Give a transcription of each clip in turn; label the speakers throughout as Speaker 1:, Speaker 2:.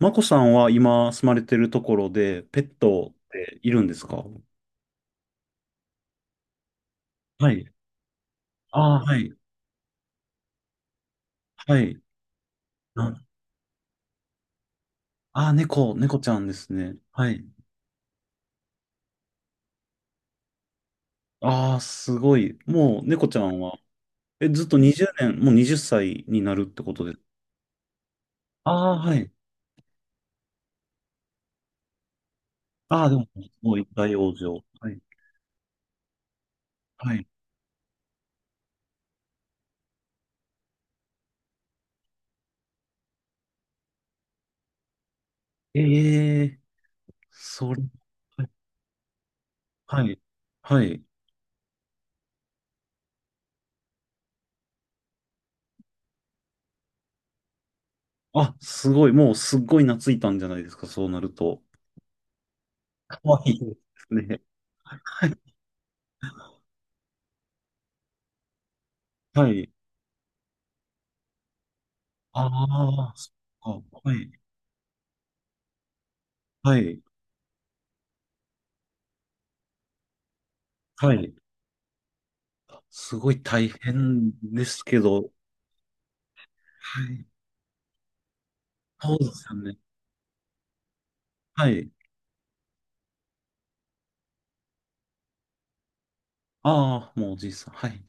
Speaker 1: マコさんは今住まれてるところで、ペットっているんですか？はい。ああ、はい。はい。ああー、猫ちゃんですね。はい。ああ、すごい。もう猫ちゃんは、ずっと20年、もう20歳になるってことです？ああー、はい。ああ、でも、すごい大往生。はい。はい。ええ、それ、はい。はい。はい。あ、すごい。もうすっごい懐いたんじゃないですか、そうなると。かわいいですね。はい。はい。ああ、そっか。はい。はい。はい。すごい大変ですけど。はい。そうですよね。はい。ああ、もうおじいさん。はい。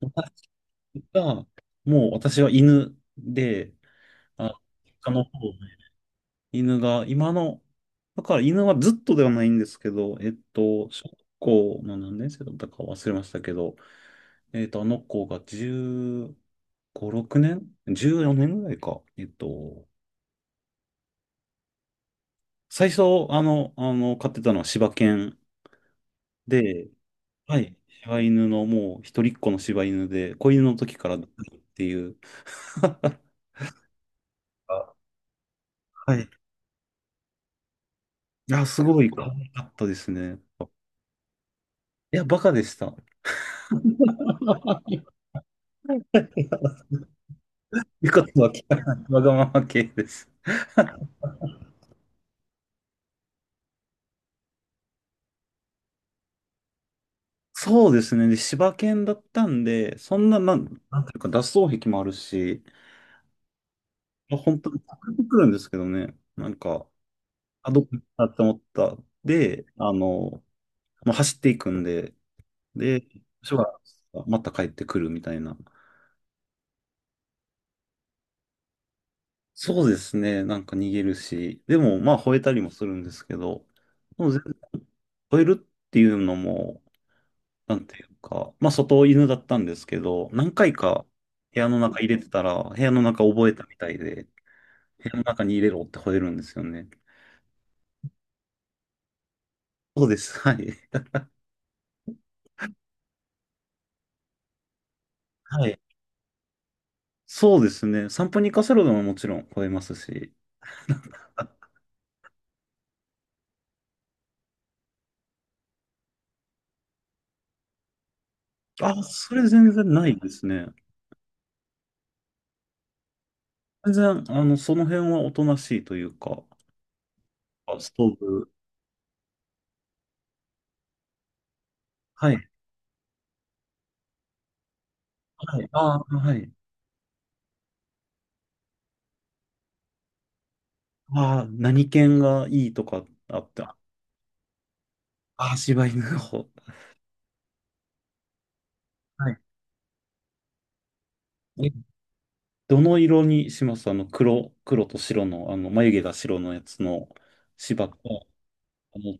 Speaker 1: 私が、もう私は犬で、あ、他の方、犬が、今の、だから犬はずっとではないんですけど、小学校の何年生だったか忘れましたけど、あの子が15、6年、 14 年ぐらいか。最初、飼ってたのは柴犬で、はい、柴犬のもう一人っ子の柴犬で、子犬の時からのっていう。はい。いや、すごい可愛かったですね。いや、バカでした。よかったわけ。わがまま系です。そうですね。で、柴犬だったんで、そんな、なん、なんていうか、脱走癖もあるし、まあ本当に隠れてくるんですけどね。なんか、あ、どこ行ったって思った。で、まあ、走っていくんで、で、人がまた帰ってくるみたいな。そうですね。なんか逃げるし、でもまあ吠えたりもするんですけど、もう全然吠えるっていうのも、なんていうか、まあ外犬だったんですけど、何回か部屋の中入れてたら、部屋の中覚えたみたいで、部屋の中に入れろって吠えるんですよね。そうです。はい。はい。そうですね。散歩に行かせろでももちろん吠えますし。あ、あ、それ全然ないですね。全然、その辺はおとなしいというか、あ、ストーブ。はい。はい。ああ、はい。ああ、何犬がいいとかあった？ああ、柴犬の方。はい。え、どの色にします？黒、黒と白の、眉毛が白のやつの柴と、あの、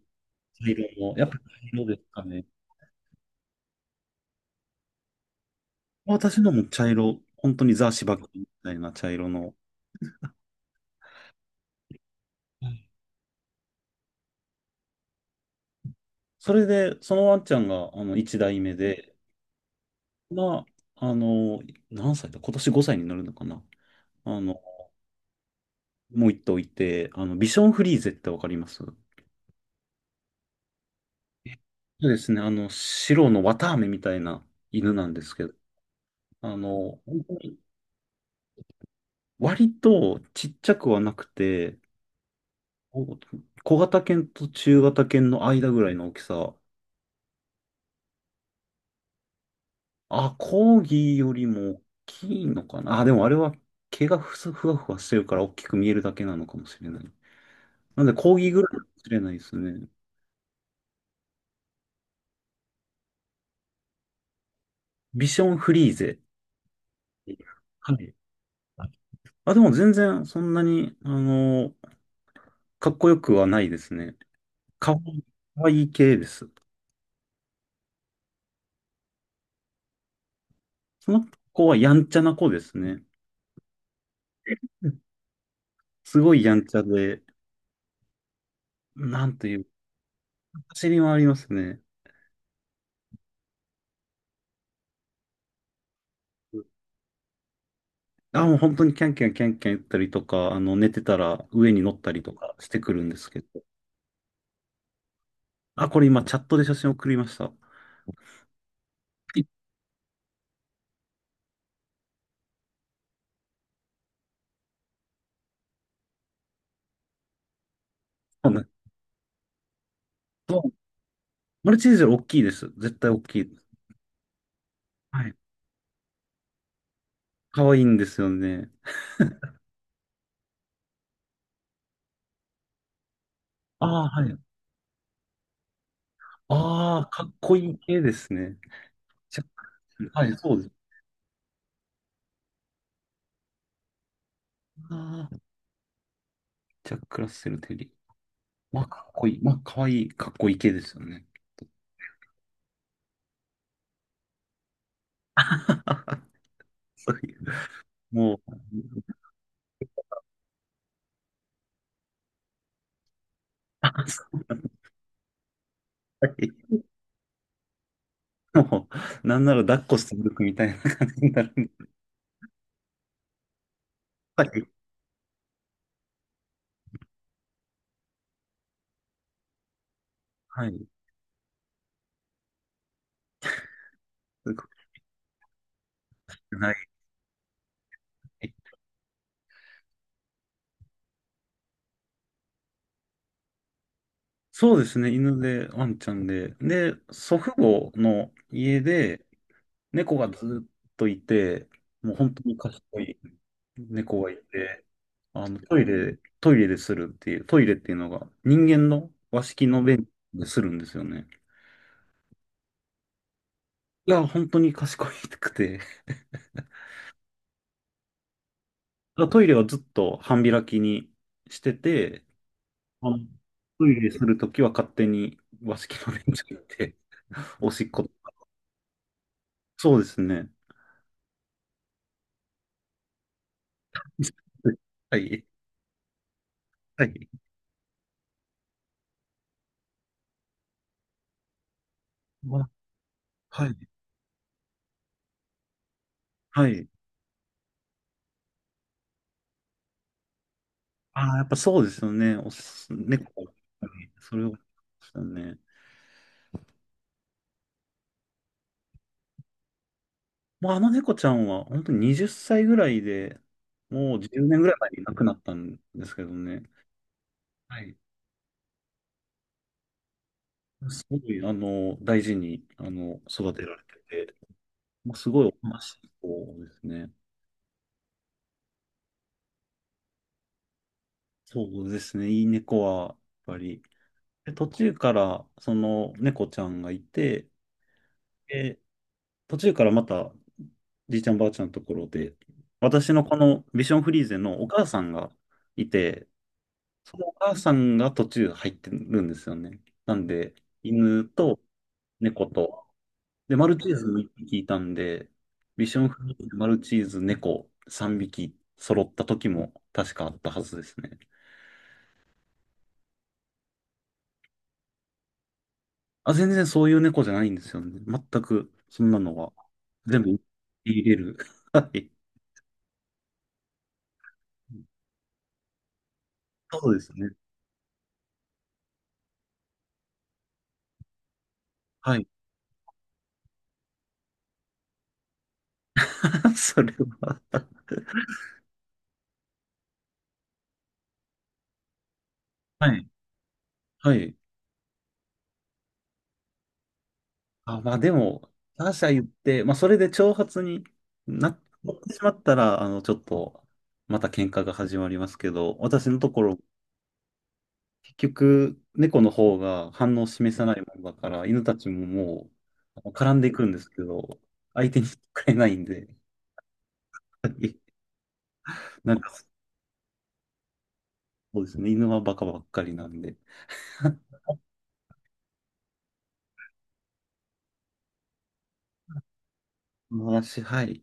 Speaker 1: 茶色の、やっぱ茶色ですかね。私のも茶色、本当にザ柴犬みたいな茶色の。はい。それで、そのワンちゃんが、一代目で、まあ、何歳だ、今年5歳になるのかな。あの、もう一頭いて、ビションフリーゼってわかります？そうですね。白の綿あめみたいな犬なんですけど、本当に割とちっちゃくはなくて、こ小型犬と中型犬の間ぐらいの大きさ。あ、コーギーよりも大きいのかな。あ、でもあれは毛がふわふわしてるから大きく見えるだけなのかもしれない。なんでコーギーぐらいかもしれないですね。ビションフリーゼ。はい。あ、でも全然そんなに、かっこよくはないですね。かわいかわいい系です。その子はやんちゃな子ですね。うん。すごいやんちゃで、なんという、走り回りますね。あ、もう本当にキャンキャンキャンキャン言ったりとか、寝てたら上に乗ったりとかしてくるんですけど。あ、これ今チャットで写真送りました。はい。そうなんそう、マルチーズより大きいです。絶対大きい。はい。可愛いんですよね。ああ、はい。ああ、かっこいい系ですね。はい、そうです。ああ、ジャック・ラッセル・テリー。まあ、かっこいい。まあ、かわいい、かっこいい系ですよね。そういう、もう、あそういう、もう、なんなら抱っこして歩くみたいな感じになるんで。はい。はい。すごくない。そうですね、犬で、ワンちゃんで。で、祖父母の家で、猫がずっといて、もう本当に賢い。猫がいて、トイレでするっていう、トイレっていうのが人間の和式の便でするんですよね。いや、本当に賢くて。だからトイレはずっと半開きにしてて、あのトイレするときは勝手に和式の便所行って、おしっこ。そうですね。はい。はい。わはい。はい。ああ、やっぱそうですよね。猫、それを、そうですよね。まあ、あの猫ちゃんは本当に20歳ぐらいで、もう10年ぐらい前に亡くなったんですけどね。はい。すごい、大事に、育てられてて、まあ、すごいおとなしい子ですね。そうですね、いい猫は、やっぱり。で、途中から、その、猫ちゃんがいて、で、途中からまた、じいちゃんばあちゃんのところで、私のこのビションフリーゼのお母さんがいて、そのお母さんが途中入ってるんですよね。なんで、犬と猫と、で、マルチーズ1匹いたんで、ビションフリーでマルチーズ、猫3匹揃った時も確かあったはずですね。あ、全然そういう猫じゃないんですよね。全くそんなのは全部入れる。はい。そうですね。はい。それは。 はい。はい。あ、まあでも、他社言って、まあそれで挑発になってしまったら、ちょっと、また喧嘩が始まりますけど、私のところ、結局、猫の方が反応を示さないもんだから、犬たちももう、絡んでいくんですけど、相手にしてくれないんで、なんか、そうですね、犬はバカばっかりなんで、まあ私、はい、